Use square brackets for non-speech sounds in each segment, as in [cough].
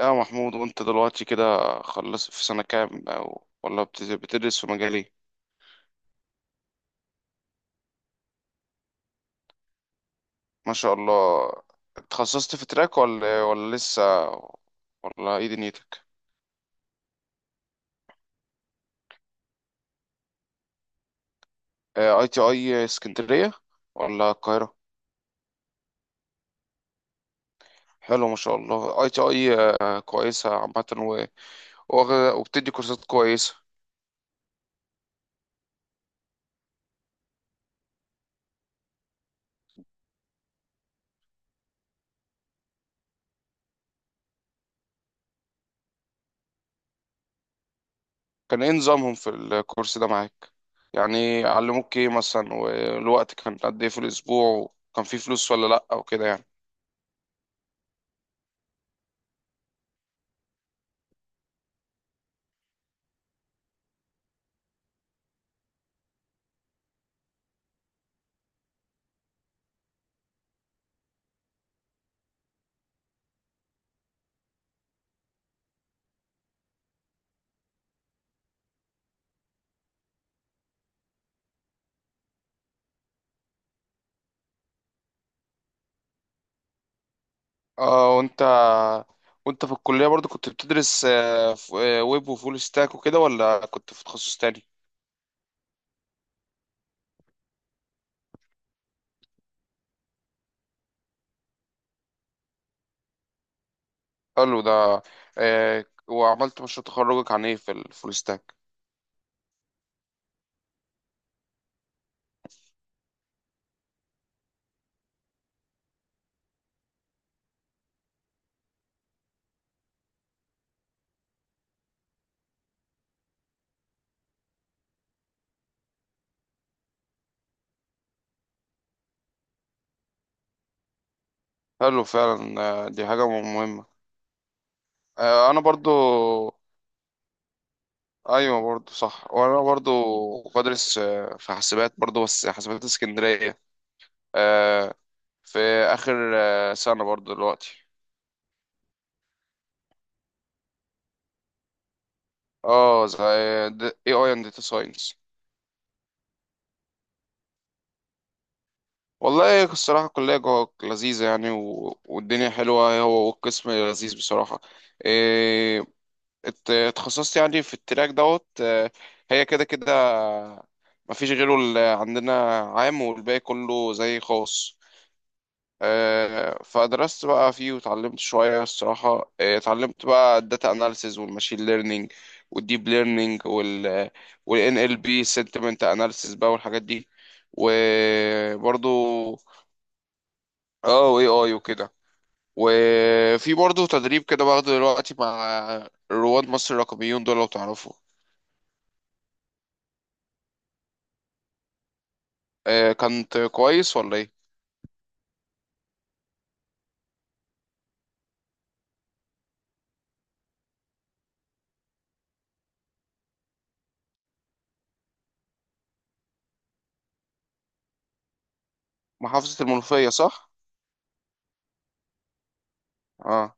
يا محمود، وانت دلوقتي كده خلصت في سنة كام او ولا بتدرس في مجال ايه؟ ما شاء الله. اتخصصت في تراك ولا لسه، ولا ايه دنيتك؟ اي تي اي اسكندرية ولا القاهرة؟ حلو ما شاء الله اي تي اي. كويسة عامة وبتدي كورسات كويسة. كان ايه نظامهم في الكورس ده معاك؟ يعني علموك ايه مثلا، والوقت كان قد ايه في الاسبوع، وكان في فلوس ولا لا او كده يعني؟ اه. وانت في الكلية برضو كنت بتدرس ويب وفول ستاك وكده، ولا كنت في تخصص تاني؟ حلو ده. وعملت مشروع تخرجك عن ايه في الفول ستاك؟ حلو فعلا. دي حاجة مهمة. انا برضو. ايوه برضو صح. وانا برضو بدرس في حاسبات برضو، بس حاسبات اسكندرية، آه، في اخر سنة برضو دلوقتي. اه، زي اي اي اند داتا ساينس. والله الصراحة الكلية جوه لذيذة يعني، والدنيا حلوة هو، والقسم لذيذ بصراحة. إيه... اتخصصت يعني في التراك دوت. هي كده كده، مفيش غيره، اللي عندنا عام والباقي كله زي خاص. فدرست بقى فيه وتعلمت شوية الصراحة. اتعلمت بقى الداتا اناليسز والماشين ليرنينج والديب ليرنينج وال NLP sentiment analysis بقى، والحاجات دي وبرضو اه واي اي وكده. وفي برضه تدريب كده باخده دلوقتي مع رواد مصر الرقميون دول، لو تعرفوا. كانت كويس ولا ايه؟ محافظة المنوفية، صح؟ اه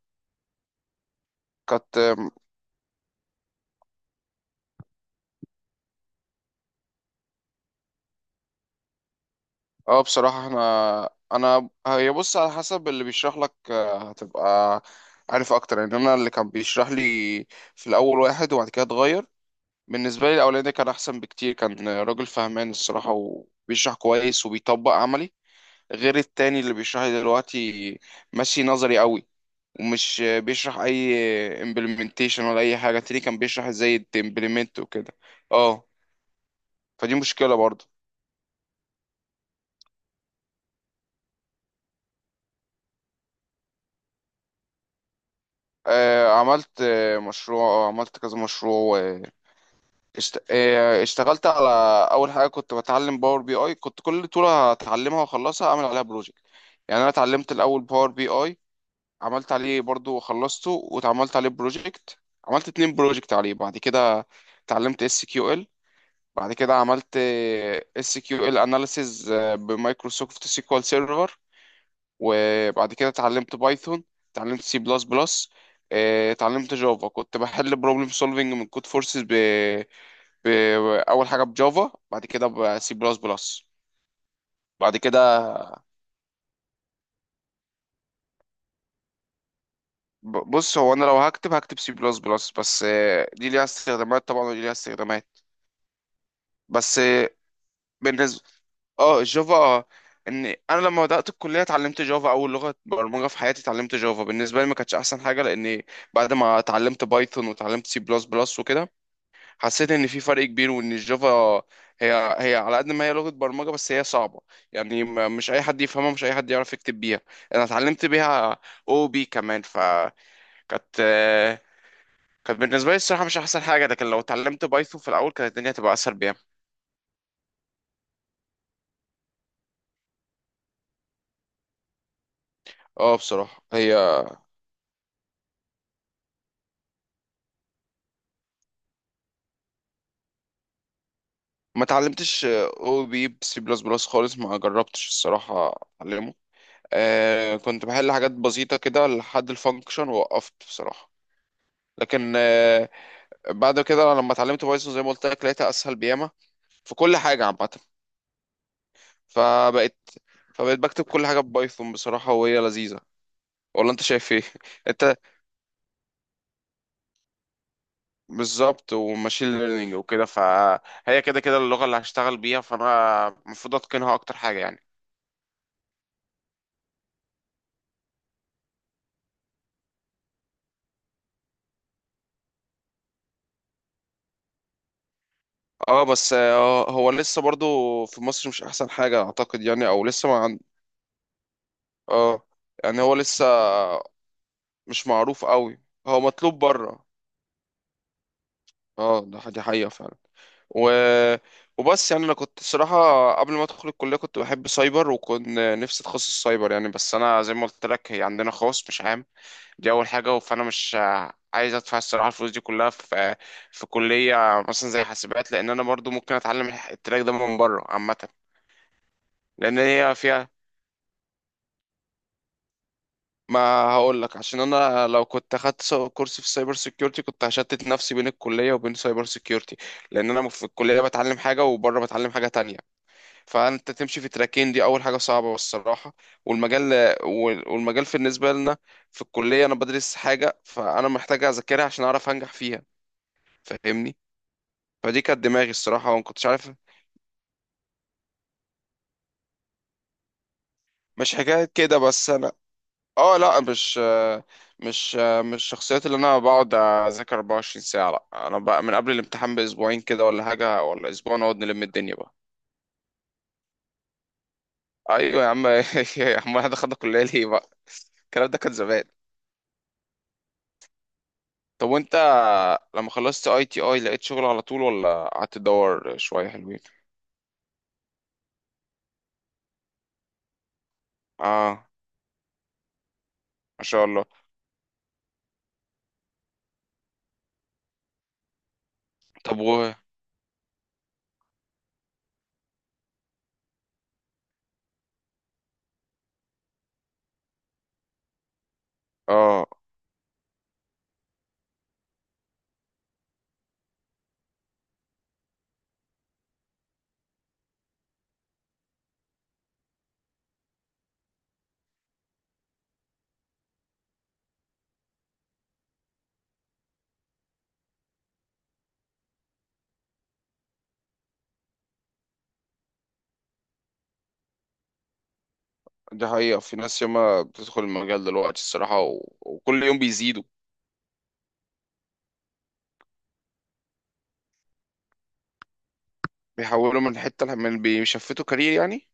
كانت. اه، بصراحة احنا. انا هي بص، على حسب اللي بيشرح لك هتبقى عارف اكتر يعني. انا اللي كان بيشرح لي في الاول واحد، وبعد كده اتغير. بالنسبة لي الاولاني ده كان احسن بكتير، كان راجل فهمان الصراحة وبيشرح كويس وبيطبق عملي. غير التاني اللي بيشرح لي دلوقتي، ماشي نظري قوي ومش بيشرح اي implementation ولا اي حاجه. التاني كان بيشرح ازاي تimplement وكده. اه، فدي مشكله برضو. عملت، مشروع، عملت كذا مشروع. اشتغلت على اول حاجه كنت بتعلم باور بي اي. كنت كل طوله هتعلمها واخلصها اعمل عليها بروجكت. يعني انا اتعلمت الاول باور بي اي، عملت عليه برضو وخلصته واتعملت عليه بروجكت. عملت اتنين بروجكت عليه. بعد كده اتعلمت اس كيو ال. بعد كده عملت اس كيو ال اناليسيز بمايكروسوفت سيكوال سيرفر. وبعد كده اتعلمت بايثون، اتعلمت سي بلس بلس، اتعلمت جافا. كنت بحل بروبلم سولفنج من كود فورسز ب... اول حاجه بجافا، بعد كده بسي بلس بلس. بعد كده، بص هو. انا لو هكتب سي بلس بلس بس، دي ليها استخدامات طبعا، ودي ليها استخدامات بس. بالنسبه. اه جافا. اه انا لما بدات الكليه اتعلمت جافا، اول لغه برمجه في حياتي اتعلمت جافا. بالنسبه لي ما كانتش احسن حاجه، لان بعد ما اتعلمت بايثون واتعلمت سي بلس بلس وكده، حسيت ان في فرق كبير، وان الجافا هي على قد ما هي لغه برمجه بس هي صعبه. يعني مش اي حد يفهمها، مش اي حد يعرف يكتب بيها. انا اتعلمت بيها او بي كمان فكانت. آه، كانت بالنسبه لي الصراحه مش احسن حاجه، لكن لو اتعلمت بايثون في الاول كانت الدنيا هتبقى اسهل بيها. اه بصراحه هي. ما اتعلمتش او بي بسي بلس بلس خالص، ما جربتش الصراحة. اتعلمه. كنت بحل حاجات بسيطة كده لحد الفانكشن ووقفت بصراحة. لكن بعد كده لما اتعلمت بايثون زي ما قلت لك، لقيتها اسهل بياما في كل حاجة عامة. فبقيت فبقيت بكتب كل حاجة ببايثون بصراحة، وهي لذيذة. ولا انت شايف ايه؟ [laughs] انت بالظبط، وماشين ليرنينج وكده. فهي كده كده اللغة اللي هشتغل بيها، فانا المفروض اتقنها اكتر حاجة يعني. اه بس. هو لسه برضو في مصر مش احسن حاجة اعتقد يعني، او لسه ما عن... اه يعني هو لسه مش معروف قوي. هو مطلوب بره. اه، دي حقيقة فعلا. و... وبس يعني انا كنت صراحة قبل ما ادخل الكلية كنت بحب سايبر، وكنت نفسي اتخصص سايبر يعني، بس انا زي ما قلت لك هي عندنا خاص مش عام. دي اول حاجة. فانا مش عايز ادفع الصراحة الفلوس دي كلها في كلية مثلا زي حاسبات، لان انا برضو ممكن اتعلم التراك ده من بره عامة. لان هي فيها. ما هقول لك، عشان انا لو كنت اخدت كورس في سايبر سيكيورتي، كنت هشتت نفسي بين الكليه وبين سايبر سيكيورتي. لان انا في الكليه بتعلم حاجه، وبره بتعلم حاجه تانية، فانت تمشي في تراكين، دي اول حاجه صعبه الصراحه. والمجال، والمجال في بالنسبه لنا في الكليه. انا بدرس حاجه، فانا محتاج اذاكرها عشان اعرف انجح فيها، فاهمني. فدي كانت دماغي الصراحه وما كنتش عارف. مش حكايه كده بس. اه، لا، مش مش الشخصيات اللي انا بقعد اذاكر 24 ساعة. لا انا بقى من قبل الامتحان باسبوعين كده ولا حاجة، ولا اسبوع، نقعد نلم الدنيا بقى. ايوه يا عم. [laughs] يا عم احنا دخلنا كلية ليه بقى؟ الكلام ده كان زمان. طب وانت لما خلصت اي تي اي، لقيت شغل على طول ولا قعدت تدور شوية حلوين؟ اه، ما شاء الله. طب و اه دي حقيقة، في ناس ياما بتدخل المجال دلوقتي الصراحة، وكل يوم بيزيدوا. بيحولوا من حتة، من بيشفتوا كارير يعني.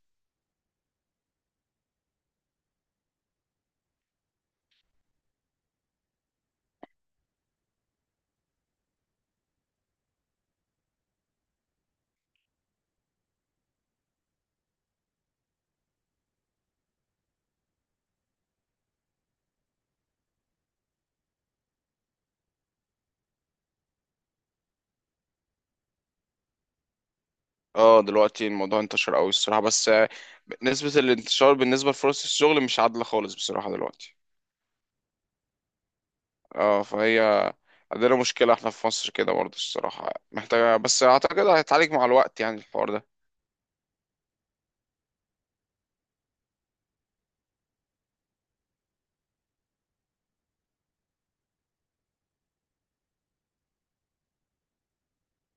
اه دلوقتي الموضوع انتشر قوي الصراحة، بس نسبة الانتشار بالنسبة لفرص الشغل مش عادلة خالص بصراحة دلوقتي. اه، فهي عندنا مشكلة احنا في مصر كده برضه الصراحة محتاجة، بس اعتقد هيتعالج مع الوقت يعني الحوار ده.